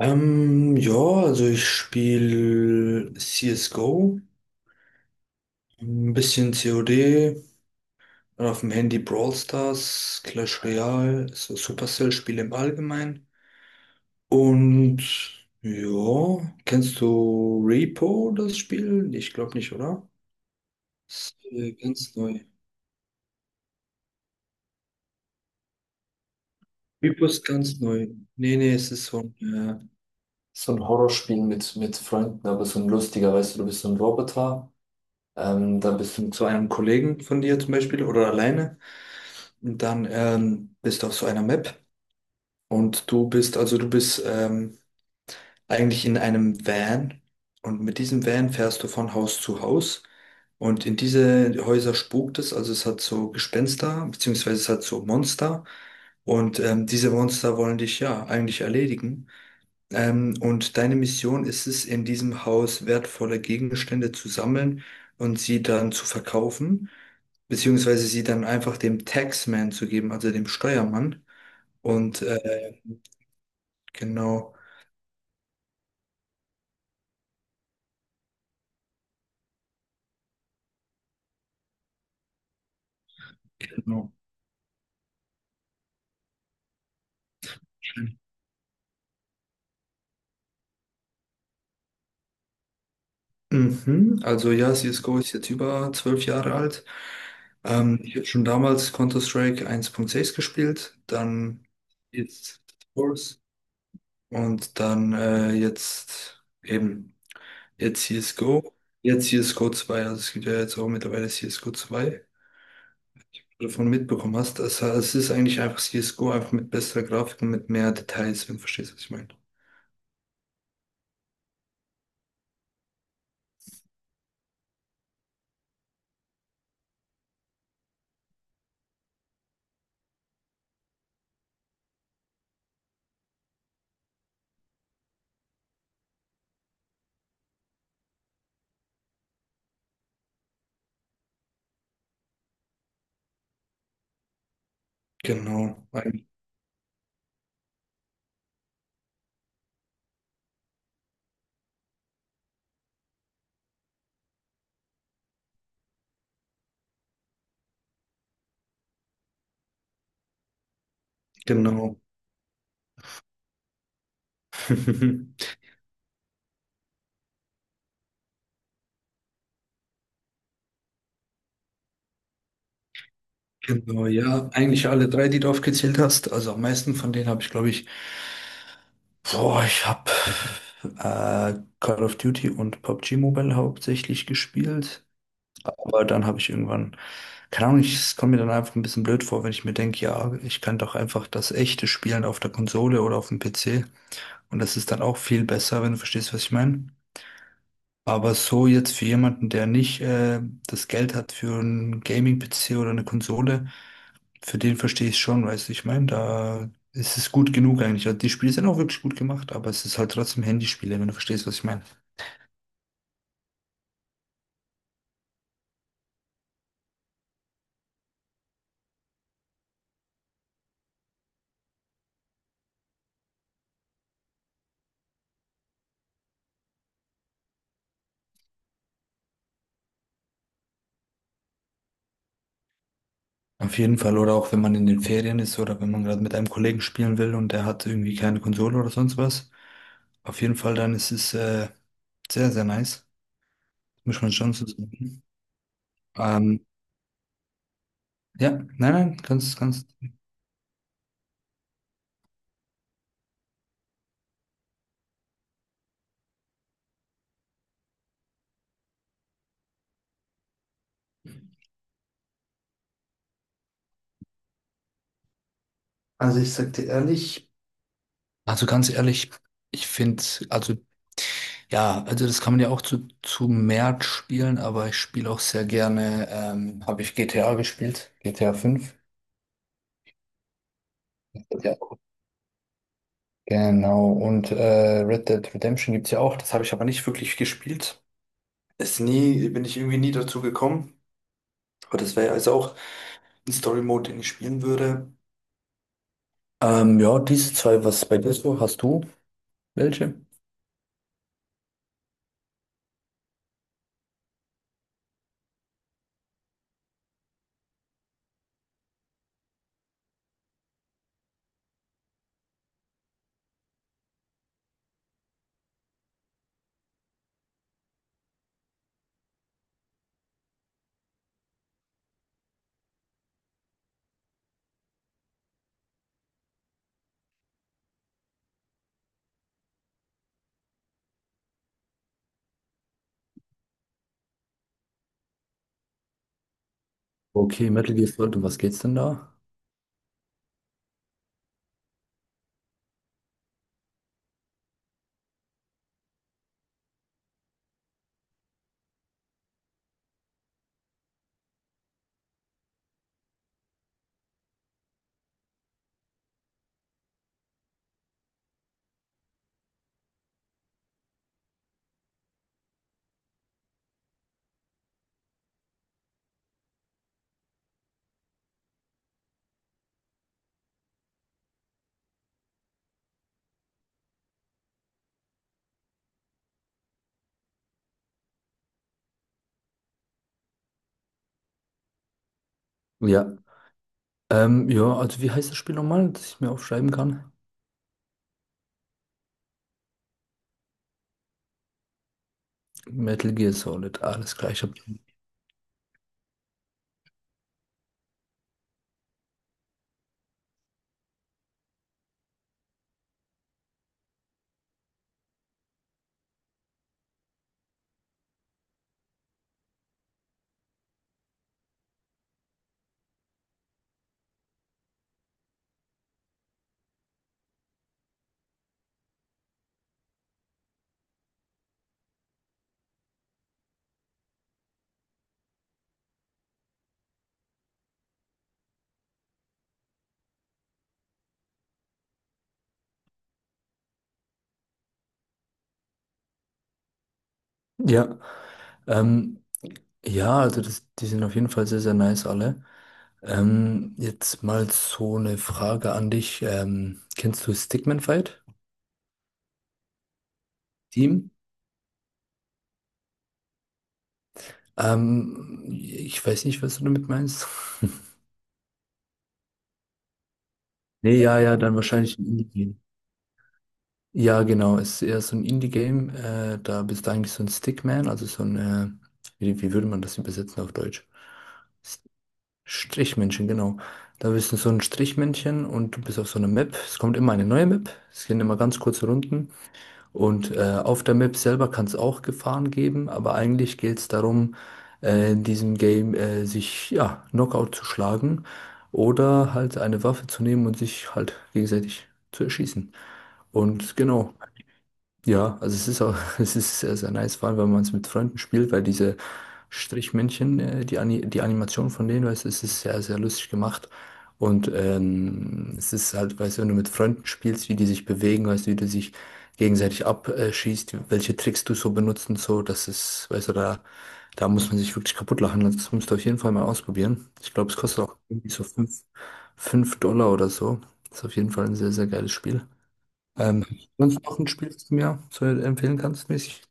Ja, also ich spiele CSGO, ein bisschen COD, dann auf dem Handy Brawl Stars, Clash Royale, so Supercell-Spiele im Allgemeinen. Und ja, kennst du Repo, das Spiel? Ich glaube nicht, oder? Ist ganz neu. Repo ist ganz neu. Nee, nee, es ist so ein, äh, so ein Horrorspiel mit Freunden, aber so ein lustiger, weißt du, du bist so ein Roboter. Dann bist du zu einem Kollegen von dir zum Beispiel oder alleine und dann bist du auf so einer Map und du bist eigentlich in einem Van und mit diesem Van fährst du von Haus zu Haus, und in diese Häuser spukt es, also es hat so Gespenster, beziehungsweise es hat so Monster, und diese Monster wollen dich ja eigentlich erledigen. Und deine Mission ist es, in diesem Haus wertvolle Gegenstände zu sammeln und sie dann zu verkaufen, beziehungsweise sie dann einfach dem Taxman zu geben, also dem Steuermann. Und genau, genau. Mhm. Also ja, CSGO ist jetzt über 12 Jahre alt. Ich habe schon damals Counter-Strike 1.6 gespielt, dann jetzt Source und dann jetzt eben. Jetzt CSGO. Jetzt CSGO zwei. Also es gibt ja jetzt auch mittlerweile CSGO zwei, wenn du davon mitbekommen hast. Also es ist eigentlich einfach CSGO, einfach mit besserer Grafik und mit mehr Details, wenn du verstehst, was ich meine. Genau, eigentlich, genau. Genau, ja. Eigentlich alle drei, die du aufgezählt hast. Also am meisten von denen habe ich, glaube ich, boah, ich habe Call of Duty und PUBG Mobile hauptsächlich gespielt. Aber dann habe ich irgendwann, keine Ahnung, es kommt mir dann einfach ein bisschen blöd vor, wenn ich mir denke, ja, ich kann doch einfach das echte spielen auf der Konsole oder auf dem PC. Und das ist dann auch viel besser, wenn du verstehst, was ich meine. Aber so jetzt für jemanden, der nicht das Geld hat für einen Gaming-PC oder eine Konsole, für den verstehe ich schon, weißt du, ich meine, da ist es gut genug eigentlich. Also die Spiele sind auch wirklich gut gemacht, aber es ist halt trotzdem Handyspiele, wenn du verstehst, was ich meine. Auf jeden Fall, oder auch wenn man in den Ferien ist oder wenn man gerade mit einem Kollegen spielen will und der hat irgendwie keine Konsole oder sonst was. Auf jeden Fall, dann ist es sehr, sehr nice. Muss man schon so sagen. Ähm, ja, nein, nein, ganz, ganz. Also ich sag dir ehrlich, also ganz ehrlich, ich finde, also ja, also das kann man ja auch zu mehr spielen, aber ich spiele auch sehr gerne, habe ich GTA gespielt, GTA 5. Ja. Genau, und Red Dead Redemption gibt's ja auch, das habe ich aber nicht wirklich gespielt. Ist nie, bin ich irgendwie nie dazu gekommen. Aber das wäre also auch ein Story-Mode, den ich spielen würde. Ja, diese zwei, was bei dir so? Hast du welche? Okay, Metal Gear Solid, um was geht's denn da? Ja. Ja, also wie heißt das Spiel nochmal, dass ich mir aufschreiben kann? Metal Gear Solid, alles klar, ich hab. Ja. Ähm, ja, also das, die sind auf jeden Fall sehr, sehr nice alle. Jetzt mal so eine Frage an dich. Kennst du Stickman Fight Team? Ich weiß nicht, was du damit meinst. Nee, ja, ja, dann wahrscheinlich ein Indie-Game. Ja, genau, ist eher so ein Indie-Game. Da bist du eigentlich so ein Stickman, also wie würde man das übersetzen auf Deutsch? S- Strichmännchen, genau. Da bist du so ein Strichmännchen und du bist auf so einer Map. Es kommt immer eine neue Map. Es gehen immer ganz kurze Runden. Und auf der Map selber kann es auch Gefahren geben, aber eigentlich geht es darum, in diesem Game sich ja, Knockout zu schlagen oder halt eine Waffe zu nehmen und sich halt gegenseitig zu erschießen. Und genau, ja, also es ist auch, es ist sehr, sehr nice, vor allem wenn man es mit Freunden spielt, weil diese Strichmännchen, die Animation von denen, weißt du, es ist sehr, sehr lustig gemacht. Und es ist halt, weißt du, wenn du mit Freunden spielst, wie die sich bewegen, weißt du, wie du sich gegenseitig abschießt, welche Tricks du so benutzt und so, das ist, weißt du, da, da muss man sich wirklich kaputt lachen. Also das musst du auf jeden Fall mal ausprobieren. Ich glaube, es kostet auch irgendwie so fünf Dollar oder so. Ist auf jeden Fall ein sehr, sehr geiles Spiel. Ähm, Sonst noch ein Spiel, das du mir so empfehlen kannst, mäßig?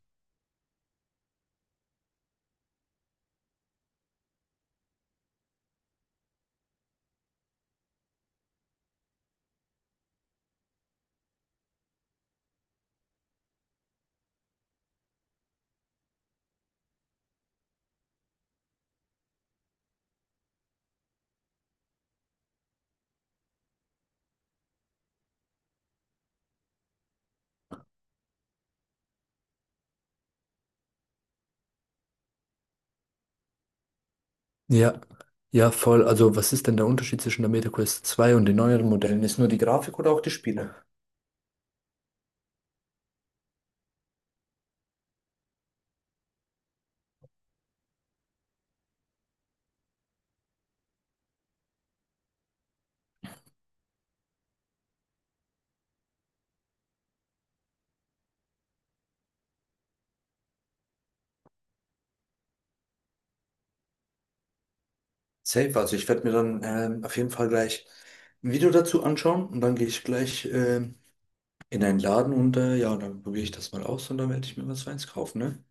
Ja, ja, voll. Also, was ist denn der Unterschied zwischen der MetaQuest zwei und den neueren Modellen? Ist nur die Grafik oder auch die Spiele? Safe, also ich werde mir dann auf jeden Fall gleich ein Video dazu anschauen und dann gehe ich gleich in einen Laden und ja, dann probiere ich das mal aus und dann werde ich mir was Feines kaufen, ne?